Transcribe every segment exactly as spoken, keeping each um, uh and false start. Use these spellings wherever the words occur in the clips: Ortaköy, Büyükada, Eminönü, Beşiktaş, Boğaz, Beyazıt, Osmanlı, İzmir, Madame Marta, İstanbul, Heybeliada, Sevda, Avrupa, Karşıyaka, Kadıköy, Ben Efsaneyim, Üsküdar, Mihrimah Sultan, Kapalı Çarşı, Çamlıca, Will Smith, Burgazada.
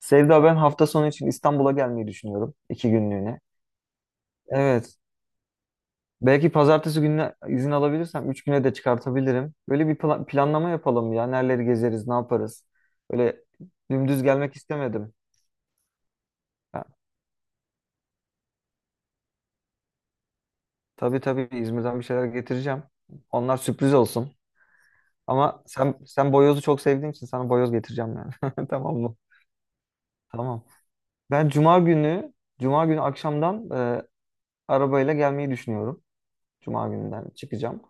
Sevda, ben hafta sonu için İstanbul'a gelmeyi düşünüyorum. iki günlüğüne. Evet. Belki pazartesi gününe izin alabilirsem üç güne de çıkartabilirim. Böyle bir pla- planlama yapalım ya. Nereleri gezeriz, ne yaparız? Böyle dümdüz gelmek istemedim. Ha, tabii tabii İzmir'den bir şeyler getireceğim. Onlar sürpriz olsun. Ama sen sen boyozu çok sevdiğin için sana boyoz getireceğim yani. Tamam mı? Tamam. Ben cuma günü cuma günü akşamdan e, arabayla gelmeyi düşünüyorum. Cuma gününden çıkacağım.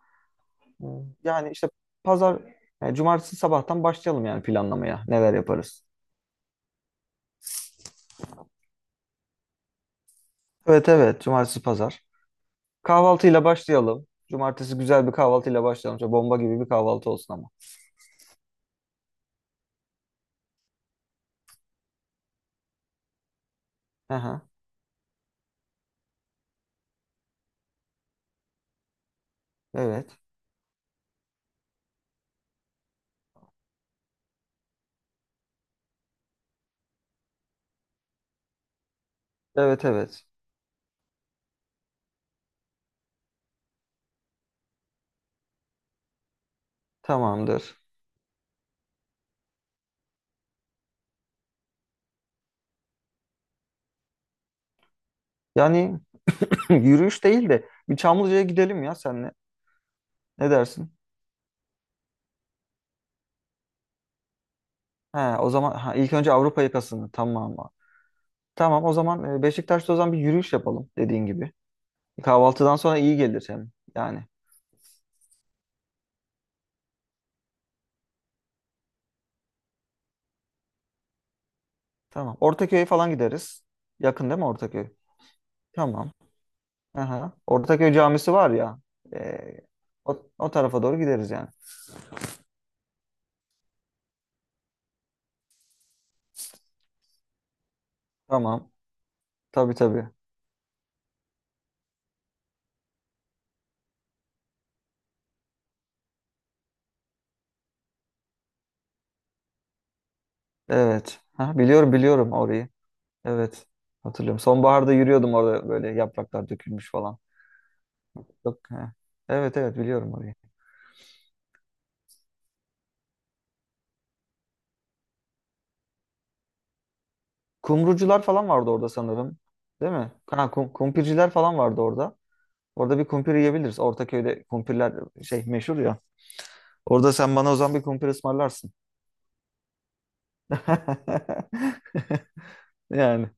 Hmm, Yani işte pazar, yani cumartesi sabahtan başlayalım yani planlamaya. Neler yaparız? Evet evet, cumartesi pazar. Kahvaltıyla başlayalım. Cumartesi güzel bir kahvaltıyla başlayalım. Çok bomba gibi bir kahvaltı olsun ama. Aha, evet. Evet evet. Tamamdır. Yani yürüyüş değil de bir Çamlıca'ya gidelim ya senle. Ne dersin? He, o zaman ha, ilk önce Avrupa yakasını. Tamam. Tamam o zaman e, Beşiktaş'ta o zaman bir yürüyüş yapalım dediğin gibi. Kahvaltıdan sonra iyi gelir hem yani. Tamam. Ortaköy'e falan gideriz. Yakın değil mi Ortaköy? Tamam. Aha. Ortaköy camisi var ya. ee, o, o tarafa doğru gideriz yani. Tamam. Tabii tabii. Evet. Ha, biliyorum biliyorum orayı. Evet. Hatırlıyorum. Sonbaharda yürüyordum orada, böyle yapraklar dökülmüş falan. Yok. Ha. Evet evet biliyorum orayı. Kumrucular falan vardı orada sanırım. Değil mi? Ha, kum, kumpirciler falan vardı orada. Orada bir kumpir yiyebiliriz. Ortaköy'de kumpirler şey meşhur ya. Orada sen bana o zaman bir kumpir ısmarlarsın. Yani,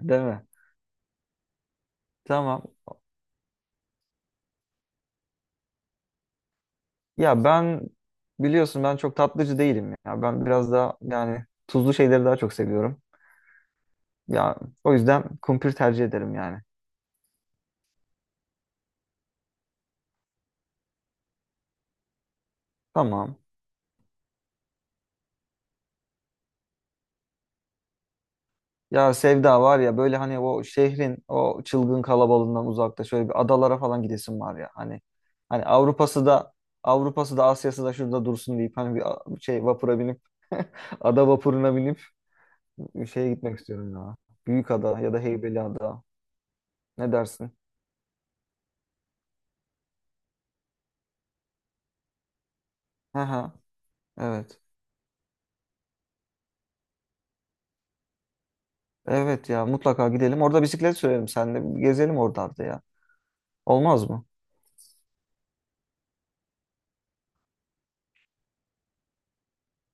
değil mi? Tamam. Ya, ben biliyorsun ben çok tatlıcı değilim ya. Ben biraz daha yani tuzlu şeyleri daha çok seviyorum. Ya, o yüzden kumpir tercih ederim yani. Tamam. Ya Sevda, var ya böyle hani o şehrin o çılgın kalabalığından uzakta şöyle bir adalara falan gidesim var ya. Hani hani Avrupa'sı da Avrupa'sı da Asya'sı da şurada dursun deyip hani bir a- şey vapura binip ada vapuruna binip şeye gitmek istiyorum ya. Büyükada ya da Heybeliada. Ne dersin? Hı hı. Evet. Evet ya, mutlaka gidelim. Orada bisiklet sürelim seninle. Bir gezelim oralarda ya. Olmaz mı?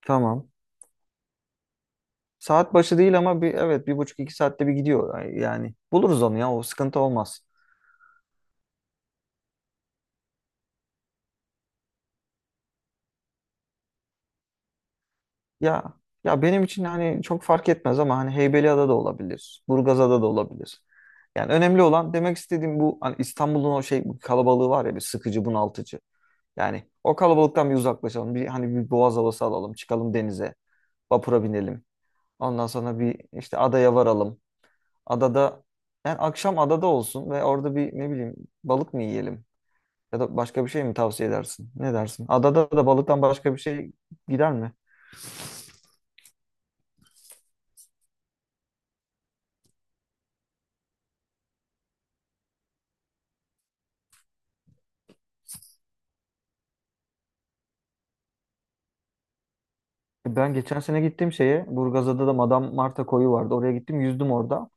Tamam. Saat başı değil ama bir, evet, bir buçuk iki saatte bir gidiyor yani. Buluruz onu ya, o sıkıntı olmaz. Ya, ya benim için hani çok fark etmez ama hani Heybeliada da olabilir. Burgazada da olabilir. Yani önemli olan, demek istediğim bu, hani İstanbul'un o şey bu kalabalığı var ya, bir sıkıcı bunaltıcı. Yani o kalabalıktan bir uzaklaşalım. Bir hani bir boğaz havası alalım. Çıkalım denize. Vapura binelim. Ondan sonra bir işte adaya varalım. Adada yani akşam adada olsun ve orada bir, ne bileyim, balık mı yiyelim? Ya da başka bir şey mi tavsiye edersin? Ne dersin? Adada da balıktan başka bir şey gider mi? E, Ben geçen sene gittim şeye. Burgazada da Madame Marta koyu vardı. Oraya gittim, yüzdüm orada.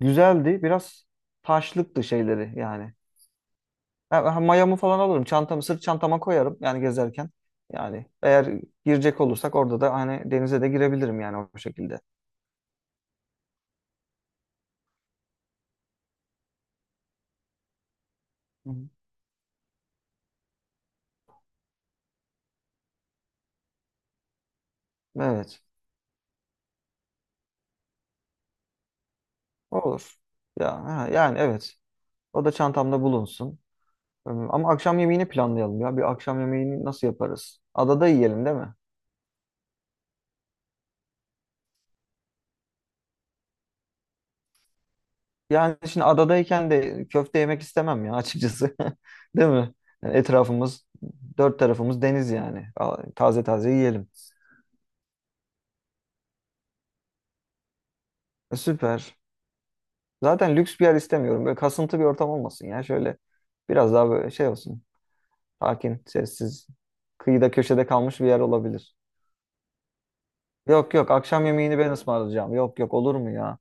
Güzeldi. Biraz taşlıktı şeyleri yani. Ha, ha, mayamı falan alırım. Çantamı sırt çantama koyarım yani gezerken. Yani eğer girecek olursak orada da hani denize de girebilirim yani o şekilde. Hı hı. Evet. Olur. Ya ha, yani evet. O da çantamda bulunsun. Im, Ama akşam yemeğini planlayalım ya. Bir akşam yemeğini nasıl yaparız? Adada yiyelim, değil mi? Yani şimdi adadayken de köfte yemek istemem ya, açıkçası. Değil mi? Yani etrafımız, dört tarafımız deniz yani. Aa, taze taze yiyelim. E, Süper. Zaten lüks bir yer istemiyorum. Böyle kasıntı bir ortam olmasın ya. Şöyle biraz daha böyle şey olsun. Sakin, sessiz, kıyıda köşede kalmış bir yer olabilir. Yok yok, akşam yemeğini ben ısmarlayacağım. Yok yok, olur mu ya?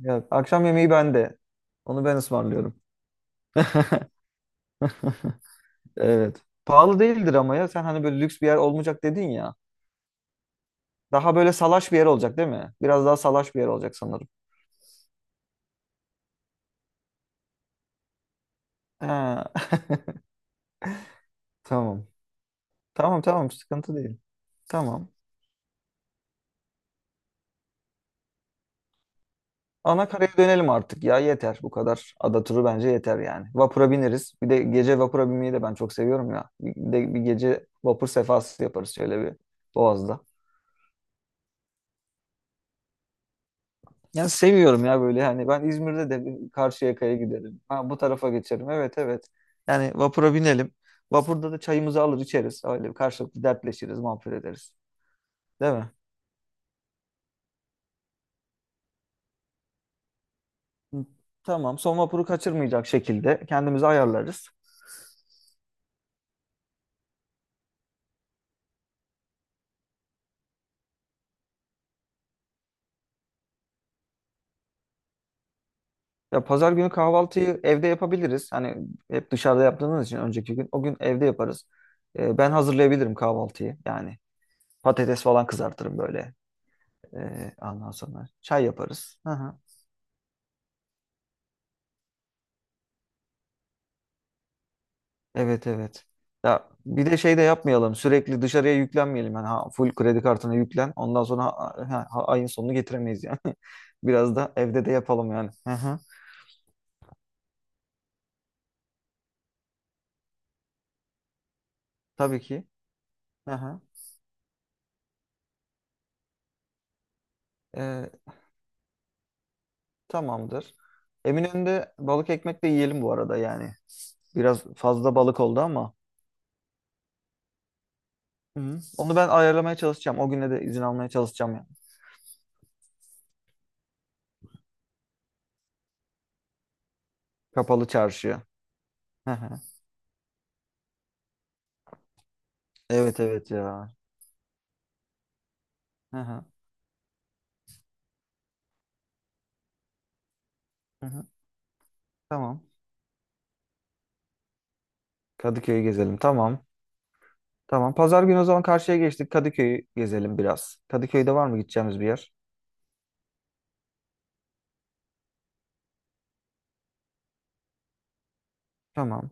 Ya, akşam yemeği bende. Onu ben ısmarlıyorum. Evet. Pahalı değildir ama ya. Sen hani böyle lüks bir yer olmayacak dedin ya. Daha böyle salaş bir yer olacak, değil mi? Biraz daha salaş bir yer olacak sanırım. Ha, tamam. Tamam tamam, sıkıntı değil. Tamam. Ana karaya dönelim artık ya, yeter bu kadar. Ada turu bence yeter yani. Vapura bineriz. Bir de gece vapura binmeyi de ben çok seviyorum ya. Bir de bir gece vapur sefası yaparız şöyle bir Boğaz'da. Ya, seviyorum ya, böyle hani ben İzmir'de de bir Karşıyaka'ya giderim. Ha, bu tarafa geçerim. Evet evet. Yani vapura binelim. Vapurda da çayımızı alır içeriz. Öyle karşılıklı dertleşiriz, muhabbet ederiz. Değil mi? Hı. Tamam. Son vapuru kaçırmayacak şekilde kendimizi ayarlarız. Ya pazar günü kahvaltıyı evde yapabiliriz. Hani hep dışarıda yaptığımız için önceki gün o gün evde yaparız. Ee, ben hazırlayabilirim kahvaltıyı. Yani patates falan kızartırım böyle. Ee, ondan sonra çay yaparız. Hı hı. Evet evet. Ya bir de şey de yapmayalım. Sürekli dışarıya yüklenmeyelim. Yani ha, full kredi kartına yüklen. Ondan sonra ha- ha- ha- ayın sonunu getiremeyiz yani. Biraz da evde de yapalım yani. Hı hı. Tabii ki. Hı hı. Ee, Tamamdır. Eminönü'nde balık ekmek de yiyelim bu arada yani. Biraz fazla balık oldu ama. Hı hı. Onu ben ayarlamaya çalışacağım. O güne de izin almaya çalışacağım yani. Kapalı Çarşıya. Hı hı. Evet evet ya. Hı hı. Hı hı. Tamam. Kadıköy'ü gezelim. Tamam. Tamam. Pazar günü o zaman karşıya geçtik. Kadıköy'ü gezelim biraz. Kadıköy'de var mı gideceğimiz bir yer? Tamam.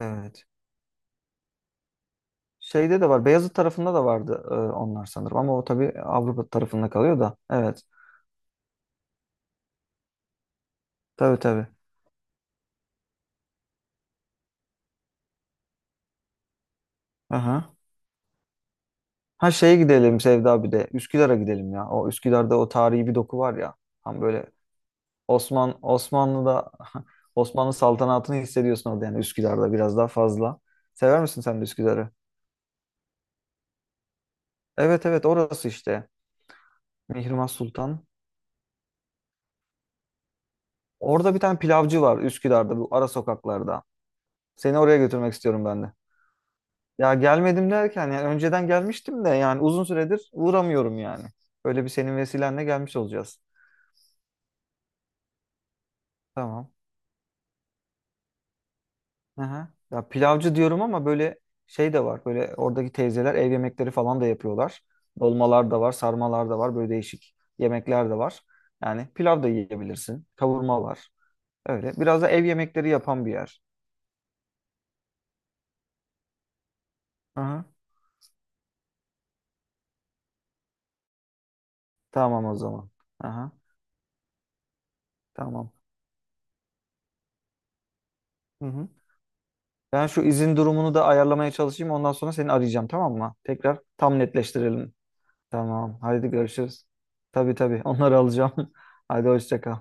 Evet. Şeyde de var. Beyazıt tarafında da vardı, e, onlar sanırım. Ama o tabii Avrupa tarafında kalıyor da. Evet. Tabii tabii. Aha. Ha, şeye gidelim Sevda, bir de. Üsküdar'a gidelim ya. O Üsküdar'da o tarihi bir doku var ya. Hani böyle Osman Osmanlı'da Osmanlı saltanatını hissediyorsun orada yani Üsküdar'da biraz daha fazla. Sever misin sen de Üsküdar'ı? Evet evet, orası işte. Mihrimah Sultan. Orada bir tane pilavcı var Üsküdar'da, bu ara sokaklarda. Seni oraya götürmek istiyorum ben de. Ya gelmedim derken yani önceden gelmiştim de yani uzun süredir uğramıyorum yani. Böyle bir, senin vesilenle gelmiş olacağız. Tamam. Aha. Ya pilavcı diyorum ama böyle şey de var. Böyle oradaki teyzeler ev yemekleri falan da yapıyorlar. Dolmalar da var, sarmalar da var. Böyle değişik yemekler de var. Yani pilav da yiyebilirsin. Kavurma var. Öyle. Biraz da ev yemekleri yapan bir yer. Aha. Tamam o zaman. Aha. Tamam. Hı hı. Ben şu izin durumunu da ayarlamaya çalışayım. Ondan sonra seni arayacağım, tamam mı? Tekrar tam netleştirelim. Tamam. Hadi görüşürüz. Tabii tabii. Onları alacağım. Hadi hoşça kal.